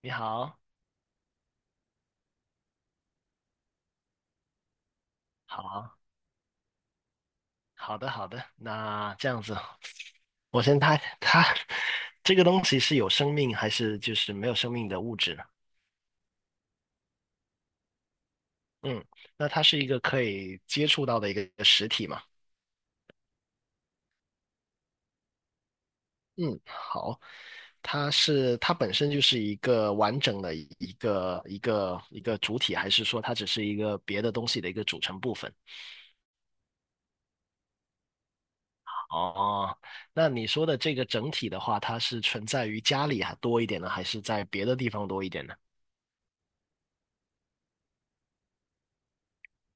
你好，好，好的，好的。那这样子，我先猜，它这个东西是有生命还是就是没有生命的物质呢？嗯，那它是一个可以接触到的一个实体嘛？嗯，好，它本身就是一个完整的一个主体，还是说它只是一个别的东西的一个组成部分？哦，那你说的这个整体的话，它是存在于家里还多一点呢，还是在别的地方多一点呢？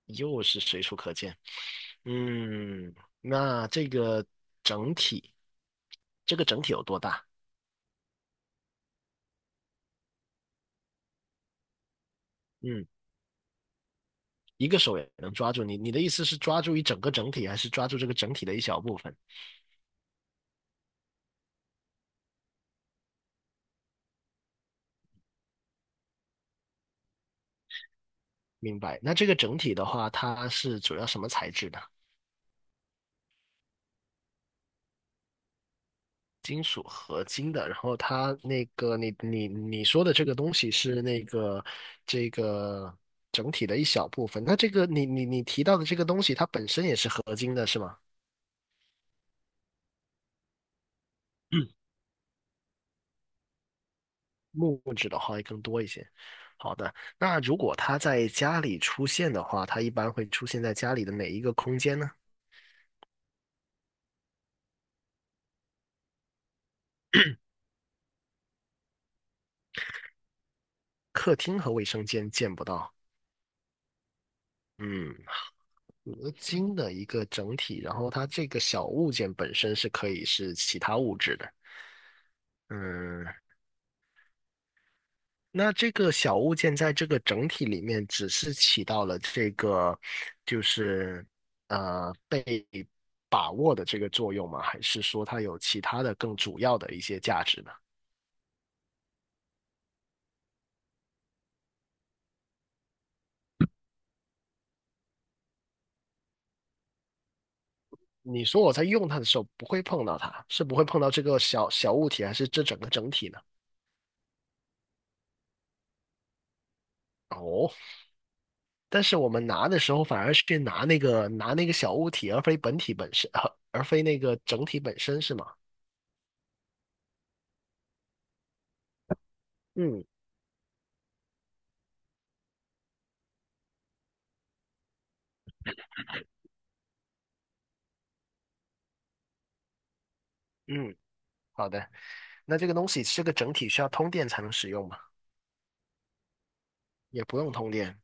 又是随处可见。嗯，那这个整体，这个整体有多大？嗯，一个手也能抓住你。你的意思是抓住一整个整体，还是抓住这个整体的一小部分？明白。那这个整体的话，它是主要什么材质的？金属合金的。然后它那个，你说的这个东西是那个这个整体的一小部分。那这个你提到的这个东西，它本身也是合金的，是吗？木质的话会更多一些。好的，那如果它在家里出现的话，它一般会出现在家里的哪一个空间呢？客厅和卫生间见不到。嗯，合金的一个整体，然后它这个小物件本身是可以是其他物质的。嗯，那这个小物件在这个整体里面只是起到了这个，就是被把握的这个作用吗？还是说它有其他的更主要的一些价值呢？你说我在用它的时候不会碰到它，是不会碰到这个小小物体，还是这整个整体呢？哦，但是我们拿的时候反而是去拿那个小物体，而非本体本身，而非那个整体本身，是吗？嗯嗯，好的。那这个东西这个整体需要通电才能使用吗？也不用通电，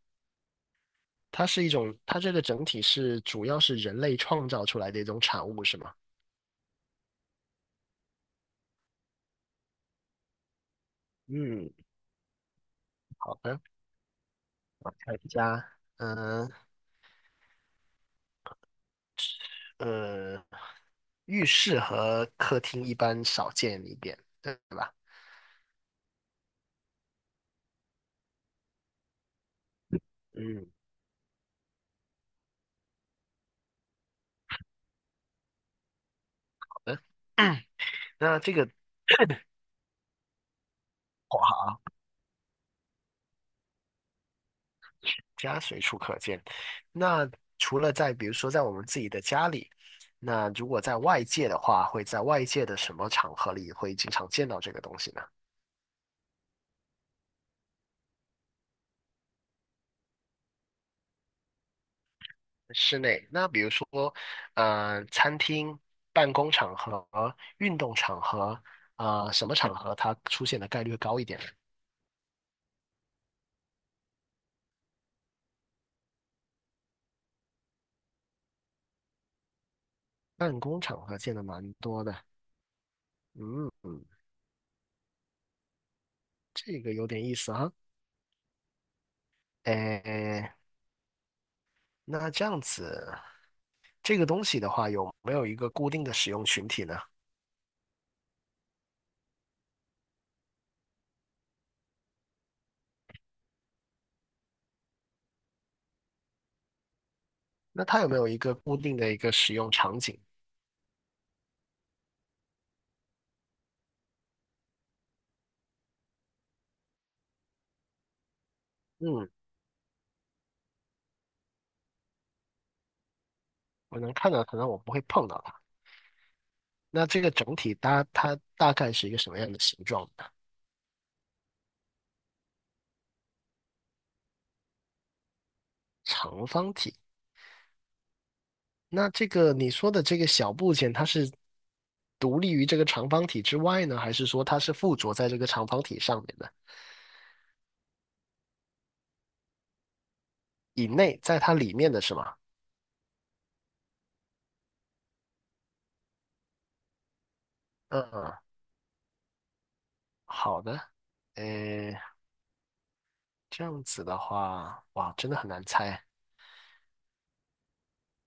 它是一种，它这个整体是主要是人类创造出来的一种产物，是吗？嗯，好的，看一下，嗯、呃，浴室和客厅一般少见一点，对吧？嗯，好的。那这个火家随处可见。那除了在比如说在我们自己的家里，那如果在外界的话，会在外界的什么场合里会经常见到这个东西呢？室内，那比如说，餐厅、办公场合、运动场合，啊，什么场合它出现的概率会高一点呢？办公场合见的蛮多的。嗯，嗯，这个有点意思啊。哎，那这样子，这个东西的话，有没有一个固定的使用群体呢？那它有没有一个固定的一个使用场景？嗯，我能看到可能我不会碰到它。那这个整体搭它大概是一个什么样的形状呢？长方体。那这个你说的这个小部件，它是独立于这个长方体之外呢，还是说它是附着在这个长方体上面的？以内，在它里面的是吗？嗯，好的，呃，这样子的话，哇，真的很难猜。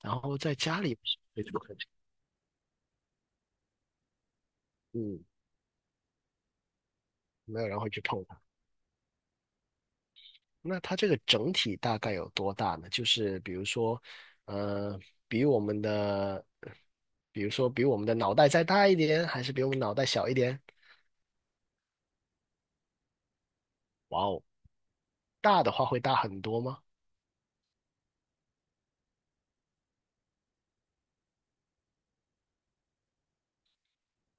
然后在家里谁都可能，嗯，没有人会去碰它。那它这个整体大概有多大呢？就是比如说，呃，比我们的，比如说比我们的脑袋再大一点，还是比我们脑袋小一点？哇哦，大的话会大很多吗？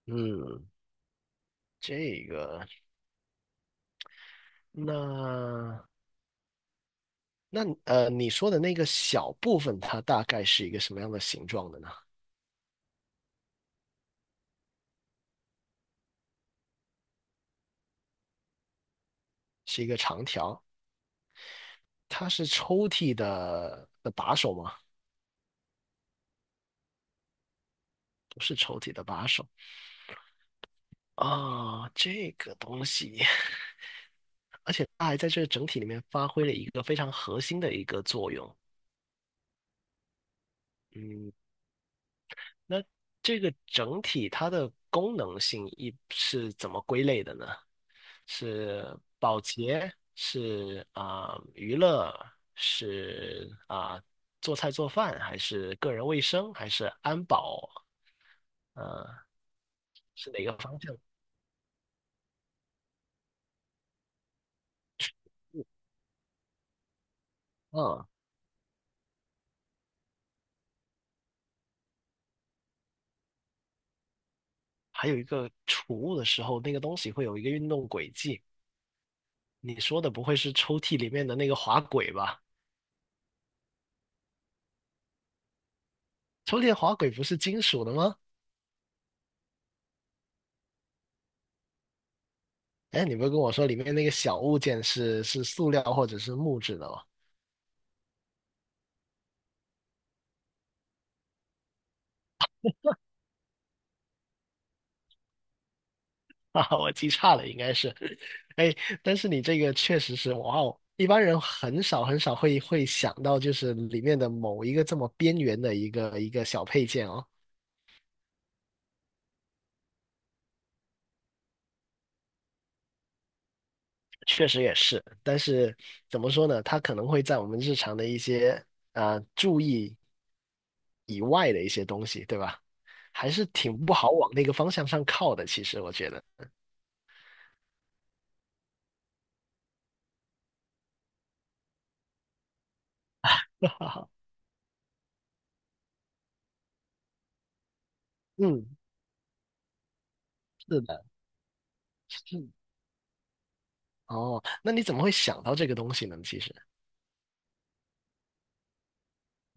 嗯，这个，那那你说的那个小部分，它大概是一个什么样的形状的呢？是一个长条？它是抽屉的把手吗？不是抽屉的把手啊，这个东西，而且它还在这个整体里面发挥了一个非常核心的一个作用。嗯，那这个整体它的功能性一是怎么归类的呢？是保洁，是啊、娱乐，是啊、做菜做饭，还是个人卫生，还是安保？呃，是哪个方向？嗯。还有一个储物的时候，那个东西会有一个运动轨迹。你说的不会是抽屉里面的那个滑轨吧？抽屉的滑轨不是金属的吗？哎，你不是跟我说里面那个小物件是塑料或者是木质的吗？啊，我记差了，应该是。哎，但是你这个确实是，哇哦，一般人很少很少会想到，就是里面的某一个这么边缘的一个小配件哦。确实也是，但是怎么说呢？它可能会在我们日常的一些注意以外的一些东西，对吧？还是挺不好往那个方向上靠的，其实我觉得。嗯，是的，是哦，那你怎么会想到这个东西呢？其实，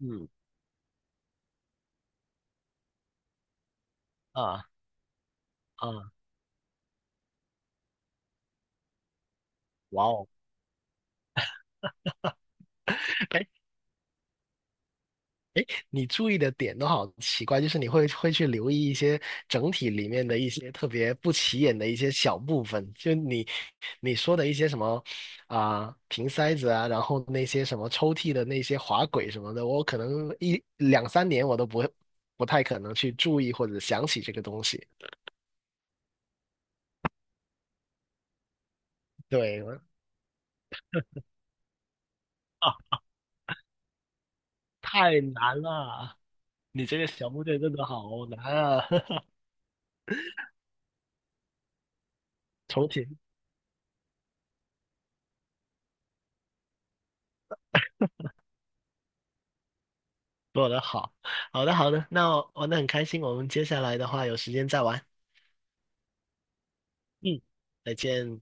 嗯啊啊，哇哦，哎。你注意的点都好奇怪，就是你会去留意一些整体里面的一些特别不起眼的一些小部分，就你说的一些什么啊、瓶塞子啊，然后那些什么抽屉的那些滑轨什么的，我可能一两三年我都不会不太可能去注意或者想起这个东西。对，太难了，你这个小部队真的好难啊！重新做的好，好的好的，那玩的很开心，我们接下来的话有时间再玩。嗯，再见。